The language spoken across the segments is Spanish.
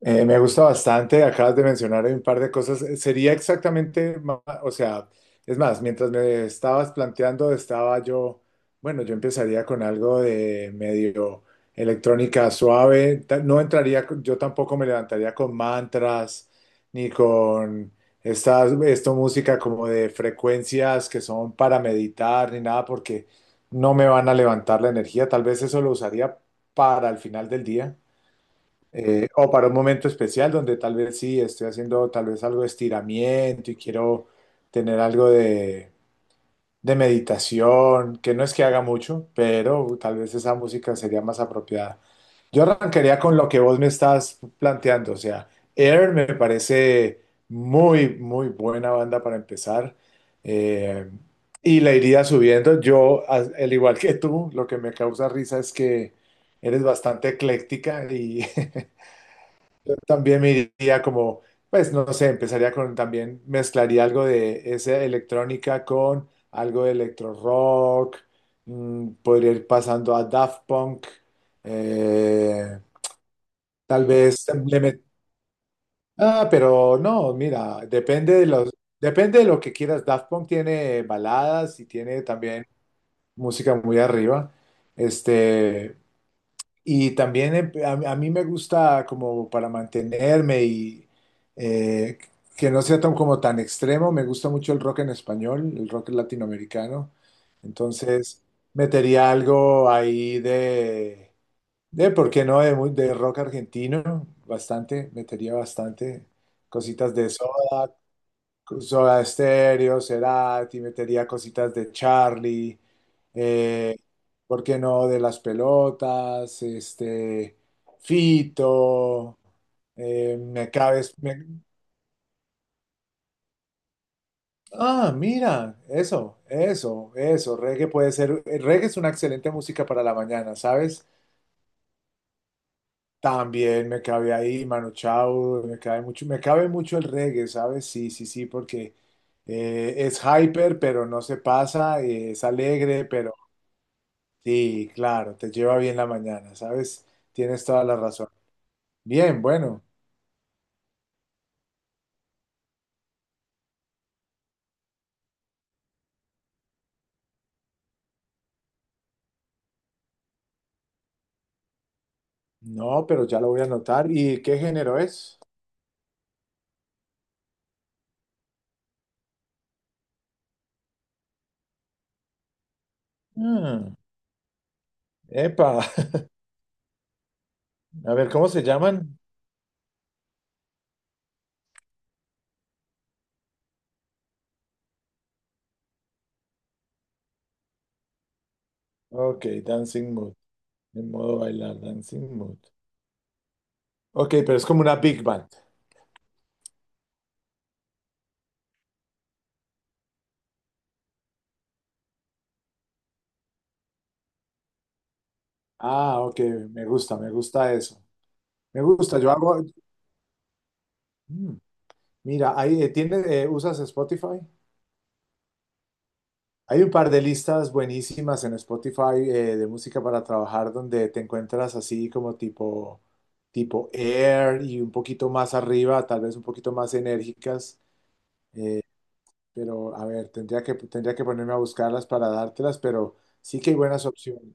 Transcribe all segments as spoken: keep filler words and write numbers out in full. Eh, me gusta bastante, acabas de mencionar un par de cosas. Sería exactamente, ma- o sea, es más, mientras me estabas planteando, estaba yo, bueno, yo empezaría con algo de medio electrónica suave. Ta- No entraría, con- yo tampoco me levantaría con mantras, ni con esta, esto música como de frecuencias que son para meditar, ni nada, porque no me van a levantar la energía. Tal vez eso lo usaría para el final del día. Eh, o para un momento especial donde tal vez sí, estoy haciendo tal vez algo de estiramiento y quiero tener algo de, de meditación, que no es que haga mucho, pero tal vez esa música sería más apropiada. Yo arrancaría con lo que vos me estás planteando, o sea, Air me parece muy, muy buena banda para empezar, eh, y la iría subiendo. Yo, al al igual que tú, lo que me causa risa es que eres bastante ecléctica y también me iría como, pues no sé, empezaría con también, mezclaría algo de esa electrónica con algo de electro rock. Mm, podría ir pasando a Daft Punk. Eh, tal vez le met- Ah, pero no, mira, depende de los, depende de lo que quieras. Daft Punk tiene baladas y tiene también música muy arriba. Este, y también em- a, a mí me gusta como para mantenerme, y eh, que no sea tan como tan extremo, me gusta mucho el rock en español, el rock latinoamericano. Entonces metería algo ahí de, de ¿por qué no? De, mu- de rock argentino, bastante, metería bastante cositas de eso. Soda Stereo, Cerati, metería cositas de Charlie. Eh, ¿por qué no? De las pelotas. este, Fito. Eh, me cabes, me- ah, mira, eso, eso, eso, reggae puede ser, el reggae es una excelente música para la mañana, ¿sabes? También me cabe ahí Manu Chao, me cabe mucho, me cabe mucho el reggae, ¿sabes? Sí, sí, sí, porque eh, es hyper, pero no se pasa, eh, es alegre, pero sí, claro, te lleva bien la mañana, ¿sabes? Tienes toda la razón. Bien, bueno, no, pero ya lo voy a anotar. ¿Y qué género es? Mm, Epa. A ver, ¿cómo se llaman? Ok, Dancing Mood, en modo bailar, Dancing Mood. Ok, pero es como una big band. Ah, ok, me gusta, me gusta eso. Me gusta, yo hago. Mm, mira, ahí, eh, tiene, eh, ¿usas Spotify? Hay un par de listas buenísimas en Spotify, eh, de música para trabajar donde te encuentras así como tipo, tipo Air y un poquito más arriba, tal vez un poquito más enérgicas, pero a ver, tendría que, tendría que ponerme a buscarlas para dártelas, pero sí que hay buenas opciones.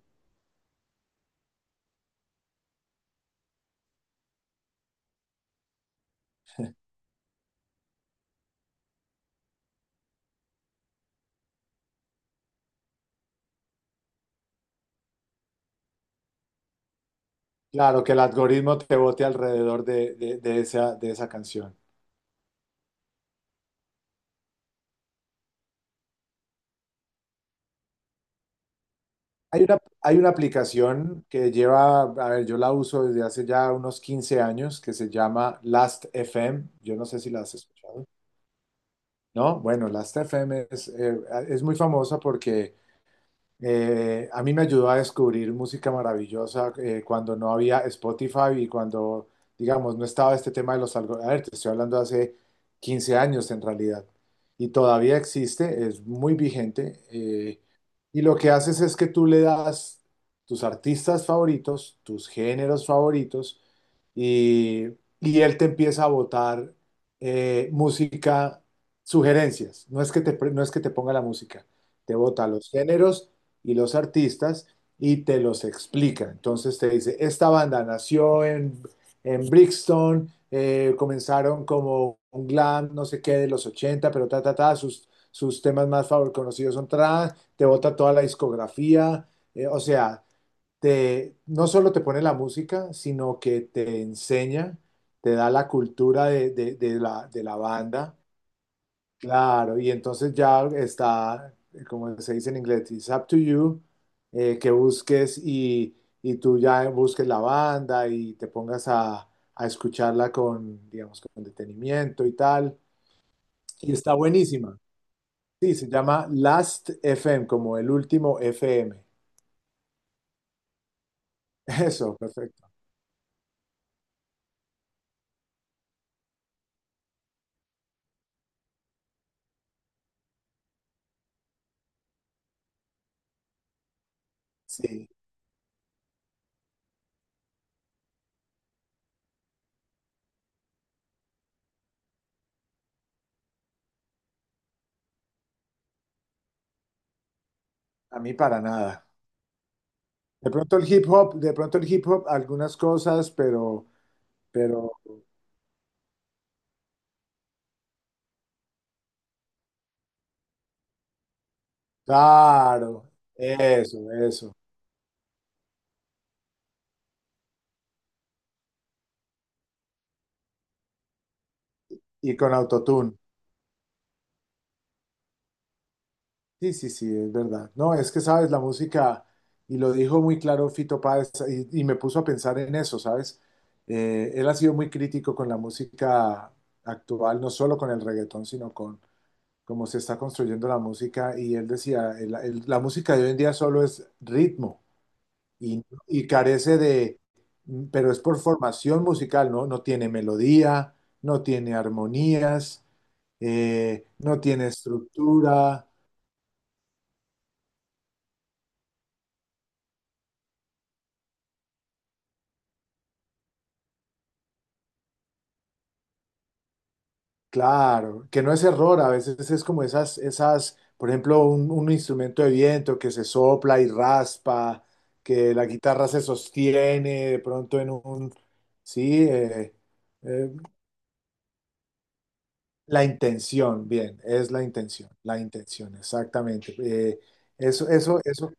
Claro, que el algoritmo te bote alrededor de, de- de esa, de esa canción. Hay una, hay una aplicación que lleva, a ver, yo la uso desde hace ya unos quince años que se llama Last F M. Yo no sé si la has escuchado. ¿No? Bueno, Last F M es, eh, es muy famosa porque, eh, a mí me ayudó a descubrir música maravillosa eh, cuando no había Spotify y cuando, digamos, no estaba este tema de los algoritmos. A ver, te estoy hablando de hace quince años en realidad. Y todavía existe, es muy vigente. eh, y lo que haces es que tú le das tus artistas favoritos, tus géneros favoritos, y, y él te empieza a botar eh, música, sugerencias. No es que te, pre- no es que te ponga la música, te bota los géneros y los artistas y te los explica. Entonces te dice, esta banda nació en, en Brixton, eh, comenzaron como un glam, no sé qué, de los ochenta, pero ta, ta, ta, sus, sus temas más favor conocidos son trans, te bota toda la discografía. Eh, o sea, te, no solo te pone la música, sino que te enseña, te da la cultura de, de, de la, de la banda. Claro, y entonces ya está. Eh, como se dice en inglés, "it's up to you", eh, que busques y, y tú ya busques la banda y te pongas a, a escucharla con, digamos, con detenimiento y tal. Y está buenísima. Sí, se llama Last F M, como el último F M. Eso, perfecto. Sí, a mí para nada. De pronto el hip hop, de pronto el hip hop, algunas cosas, pero, pero, claro, eso, eso. Y con autotune. Sí, sí, sí, es verdad. No, es que sabes, la música, y lo dijo muy claro Fito Páez, y, y me puso a pensar en eso, ¿sabes? Eh, él ha sido muy crítico con la música actual, no solo con el reggaetón, sino con cómo se está construyendo la música, y él decía, el- el- la música de hoy en día solo es ritmo, y, y carece de, pero es por formación musical, ¿no? No tiene melodía, no tiene armonías, eh, no tiene estructura. Claro, que no es error, a veces es como esas, esas, por ejemplo, un, un instrumento de viento que se sopla y raspa, que la guitarra se sostiene de pronto en un, sí. Eh, eh, la intención, bien, es la intención, la intención, exactamente. Eh, eso, eso, eso.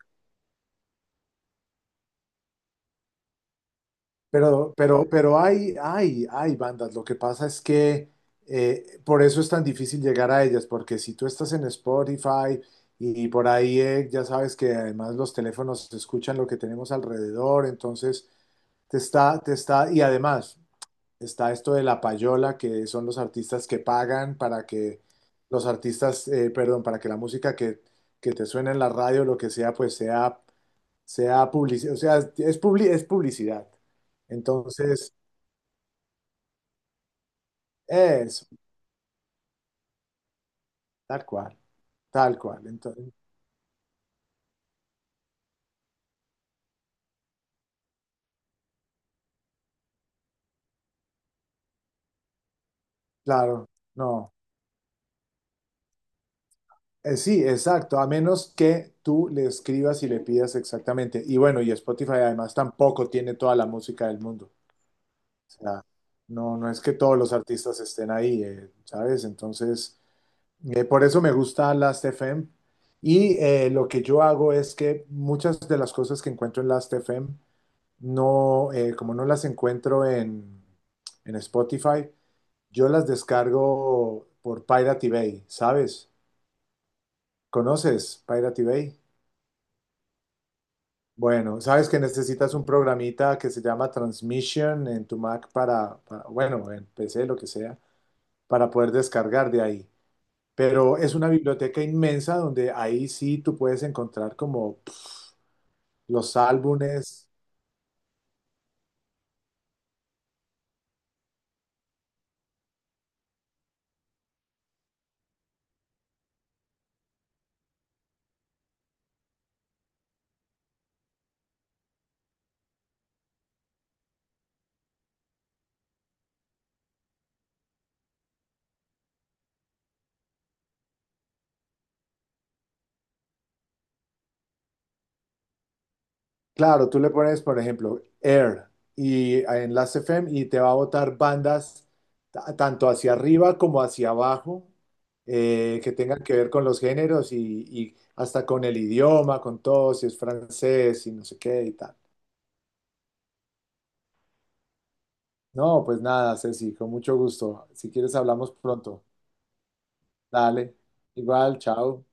Pero, pero, pero hay, hay, hay bandas. Lo que pasa es que, eh, por eso es tan difícil llegar a ellas, porque si tú estás en Spotify y, por ahí, eh, ya sabes que además los teléfonos escuchan lo que tenemos alrededor, entonces te está, te está, y además está esto de la payola, que son los artistas que pagan para que los artistas, eh, perdón, para que la música que, que te suene en la radio, lo que sea, pues sea sea publicidad, o sea, es, publi- es publicidad. Entonces, es tal cual, tal cual. Entonces, claro, no. Eh, sí, exacto, a menos que tú le escribas y le pidas exactamente. Y bueno, y Spotify además tampoco tiene toda la música del mundo. O sea, no, no es que todos los artistas estén ahí, eh, ¿sabes? Entonces, eh, por eso me gusta Last Last.fm. Y, eh, lo que yo hago es que muchas de las cosas que encuentro en Last Last.fm no, eh, como no las encuentro en, en Spotify, yo las descargo por Pirate Bay, ¿sabes? ¿Conoces Pirate Bay? Bueno, sabes que necesitas un programita que se llama Transmission en tu Mac para, para- bueno, en P C, lo que sea, para poder descargar de ahí. Pero es una biblioteca inmensa donde ahí sí tú puedes encontrar como pf, los álbumes. Claro, tú le pones, por ejemplo, Air y en las F M y te va a botar bandas, ta- tanto hacia arriba como hacia abajo, eh, que tengan que ver con los géneros y, y hasta con el idioma, con todo, si es francés, si no sé qué y tal. No, pues nada, Ceci, con mucho gusto. Si quieres hablamos pronto. Dale, igual, chao.